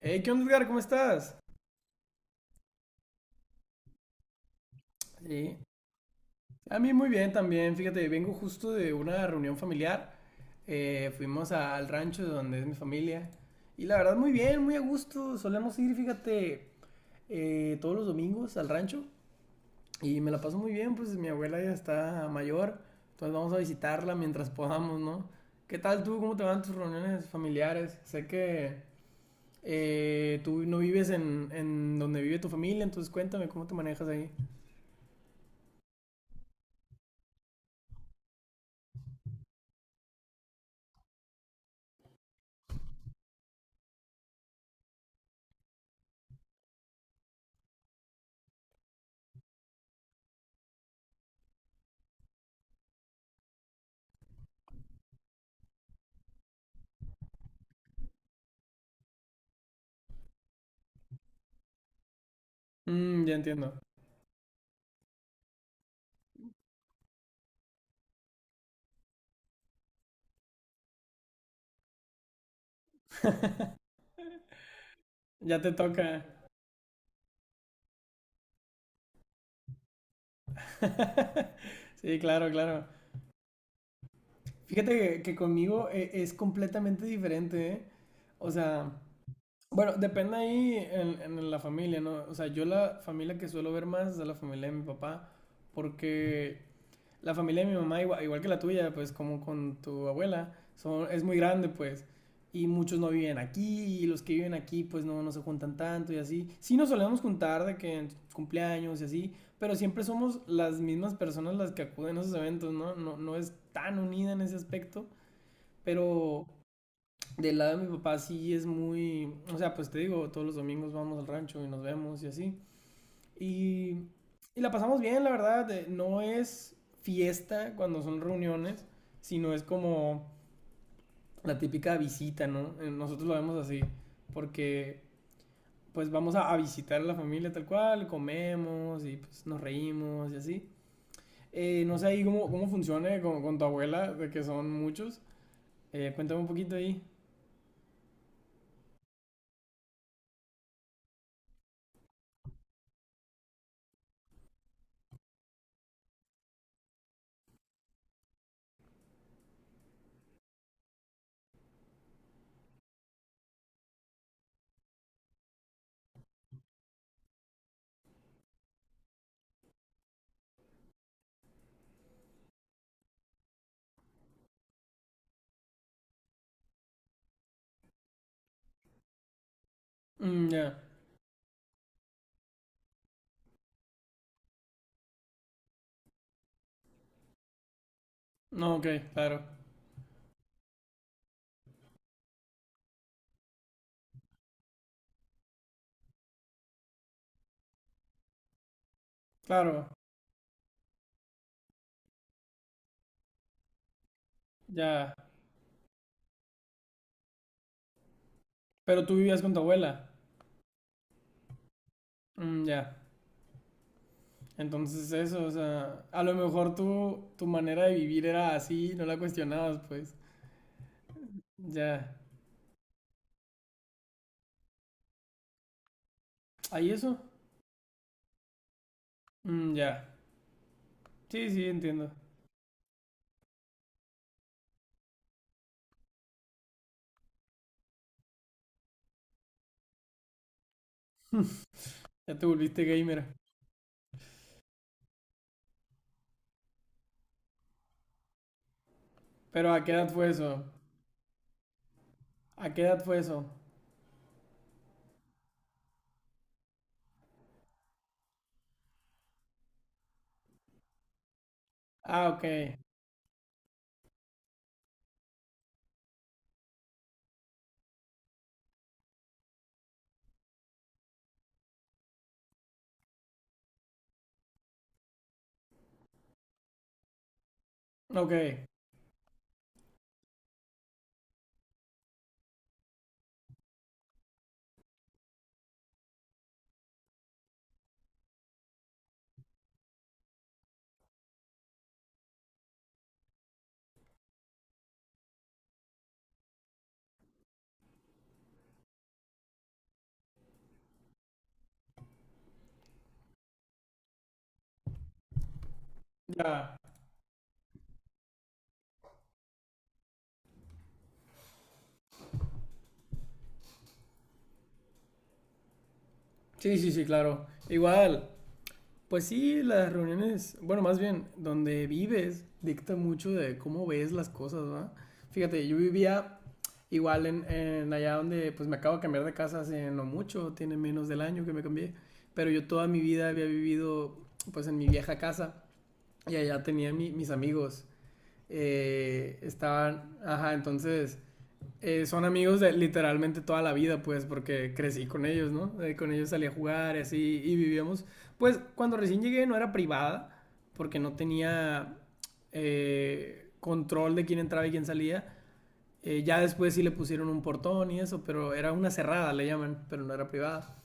Hey, ¿qué onda, Edgar? ¿Cómo estás? Sí. A mí muy bien también. Fíjate, vengo justo de una reunión familiar. Fuimos al rancho donde es mi familia. Y la verdad, muy bien, muy a gusto. Solemos ir, fíjate, todos los domingos al rancho. Y me la paso muy bien, pues mi abuela ya está mayor. Entonces vamos a visitarla mientras podamos, ¿no? ¿Qué tal tú? ¿Cómo te van tus reuniones familiares? Sé que tú no vives en donde vive tu familia, entonces cuéntame cómo te manejas ahí. Mm, ya entiendo. Ya te toca. Sí, claro, claro. Fíjate que conmigo es completamente diferente, ¿eh? O sea, bueno, depende ahí en la familia, ¿no? O sea, yo la familia que suelo ver más es la familia de mi papá, porque la familia de mi mamá, igual, igual que la tuya, pues como con tu abuela, son, es muy grande, pues. Y muchos no viven aquí, y los que viven aquí, pues no, no se juntan tanto y así. Sí nos solemos juntar de que en cumpleaños y así, pero siempre somos las mismas personas las que acuden a esos eventos, ¿no? No, no es tan unida en ese aspecto, pero del lado de mi papá sí es muy, o sea, pues te digo, todos los domingos vamos al rancho y nos vemos y así. Y, y la pasamos bien, la verdad. No es fiesta cuando son reuniones, sino es como la típica visita, ¿no? Nosotros lo vemos así, porque pues vamos a visitar a la familia tal cual, comemos y pues nos reímos y así. No sé ahí cómo, cómo funciona con tu abuela, de que son muchos. Cuéntame un poquito ahí. Mm, ya. No, ok, claro. Claro, ya. Pero tú vivías con tu abuela. Mm, ya. Entonces eso, o sea, a lo mejor tu manera de vivir era así, no la cuestionabas, pues. Ya. ¿Ahí eso? Mm, ya. Sí, sí, entiendo. Ya te volviste gamer. Pero ¿a qué edad fue eso? ¿A qué edad fue eso? Ah, ok. Ok. Ya. Sí, sí, sí, claro. Igual, pues sí, las reuniones, bueno, más bien, donde vives dicta mucho de cómo ves las cosas, ¿va? Fíjate, yo vivía igual en allá donde pues me acabo de cambiar de casa hace no mucho, tiene menos del año que me cambié, pero yo toda mi vida había vivido pues en mi vieja casa y allá tenía mis amigos, estaban, ajá, entonces son amigos de literalmente toda la vida, pues, porque crecí con ellos, ¿no? Con ellos salí a jugar y así, y vivíamos. Pues, cuando recién llegué no era privada, porque no tenía control de quién entraba y quién salía. Ya después sí le pusieron un portón y eso, pero era una cerrada, le llaman, pero no era privada.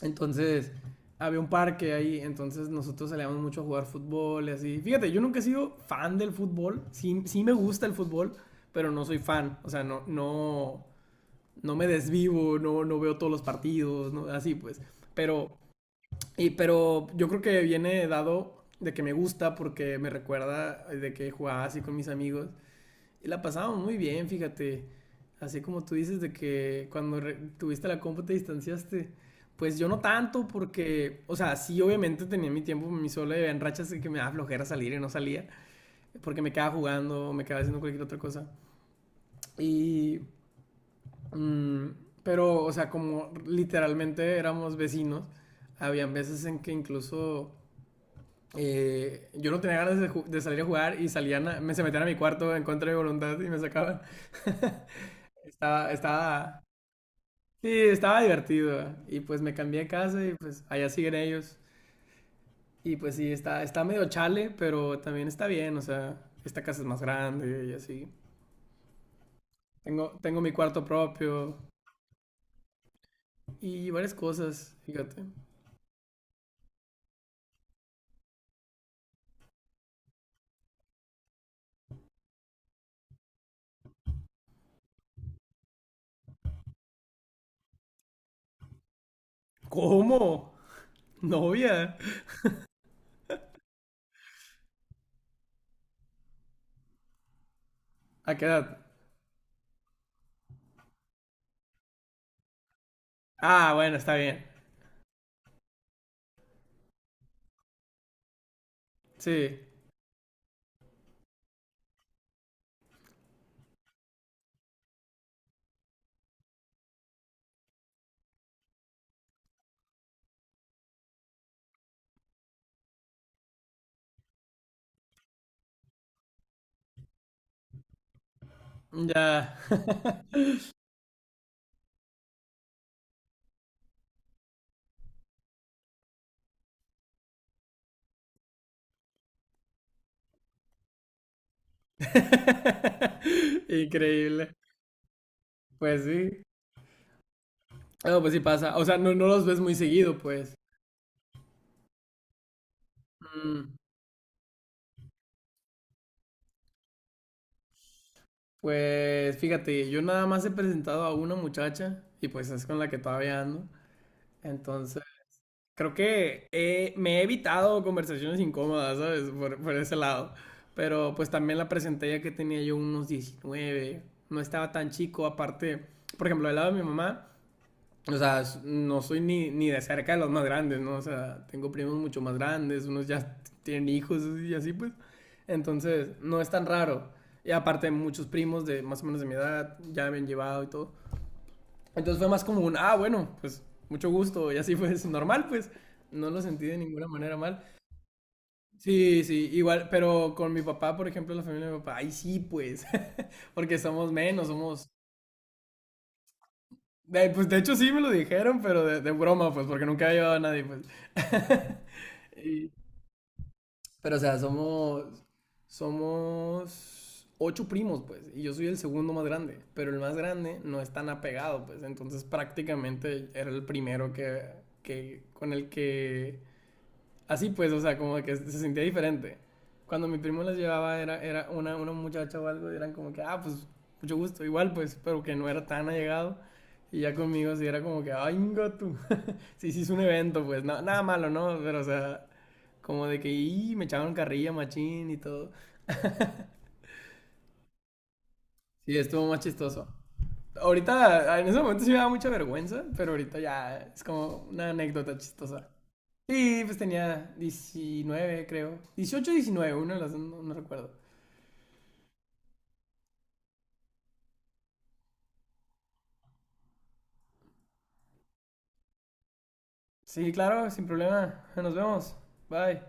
Entonces, había un parque ahí, entonces nosotros salíamos mucho a jugar fútbol y así. Fíjate, yo nunca he sido fan del fútbol, sí, sí me gusta el fútbol, pero no soy fan, o sea, no, no, no me desvivo, no, no veo todos los partidos, ¿no? así pues. Pero, y, pero yo creo que viene dado de que me gusta porque me recuerda de que jugaba así con mis amigos y la pasábamos muy bien, fíjate. Así como tú dices de que cuando tuviste la compu te distanciaste. Pues yo no tanto porque, o sea, sí obviamente tenía mi tiempo, mi solo y en rachas en que me daba flojera salir y no salía porque me quedaba jugando, me quedaba haciendo cualquier otra cosa. Y mm, pero, o sea, como literalmente éramos vecinos, habían veces en que incluso yo no tenía ganas de, de salir a jugar y salían, me se metían a mi cuarto en contra de mi voluntad y me sacaban. Estaba, estaba, sí, estaba divertido. Y pues me cambié de casa y pues allá siguen ellos. Y pues sí, está, está medio chale, pero también está bien, o sea, esta casa es más grande y así. Tengo, tengo mi cuarto propio y varias cosas, fíjate. ¿Cómo? ¿Novia? ¿A qué edad? Ah, bueno, está bien. Sí, ya. Increíble. Pues sí. No, pues sí pasa. O sea, no, no los ves muy seguido, pues. Mm, pues fíjate, yo nada más he presentado a una muchacha y pues es con la que todavía ando. Creo que me he evitado conversaciones incómodas, ¿sabes? Por ese lado. Pero pues también la presenté ya que tenía yo unos 19, no estaba tan chico, aparte, por ejemplo, del lado de mi mamá, o sea, no soy ni, ni de cerca de los más grandes, ¿no? O sea, tengo primos mucho más grandes, unos ya tienen hijos y así pues. Entonces, no es tan raro. Y aparte, muchos primos de más o menos de mi edad ya me han llevado y todo. Entonces fue más como un, ah, bueno, pues mucho gusto, y así fue normal, pues no lo sentí de ninguna manera mal. Sí, sí, igual, pero con mi papá, por ejemplo, la familia de mi papá, ay, sí, pues, porque somos menos, somos... pues de hecho sí me lo dijeron, pero de broma, pues, porque nunca había llevado a nadie, pues. Y- pero o sea, somos... Somos ocho primos, pues, y yo soy el segundo más grande, pero el más grande no es tan apegado, pues, entonces prácticamente era el primero que con el que así pues, o sea, como que se sentía diferente. Cuando mi primo las llevaba, era, era una muchacha o algo, y eran como que, ah, pues, mucho gusto, igual, pues, pero que no era tan allegado. Y ya conmigo sí era como que, ay, tú. Sí, sí, es un evento, pues, nada malo, ¿no? Pero, o sea, como de que, y me echaban carrilla, machín y todo. Sí, estuvo más chistoso. Ahorita, en ese momento sí me daba mucha vergüenza, pero ahorita ya es como una anécdota chistosa. Sí, pues tenía 19 creo. 18, 19, uno de las dos, no, no recuerdo. Sí, claro, sin problema. Nos vemos. Bye.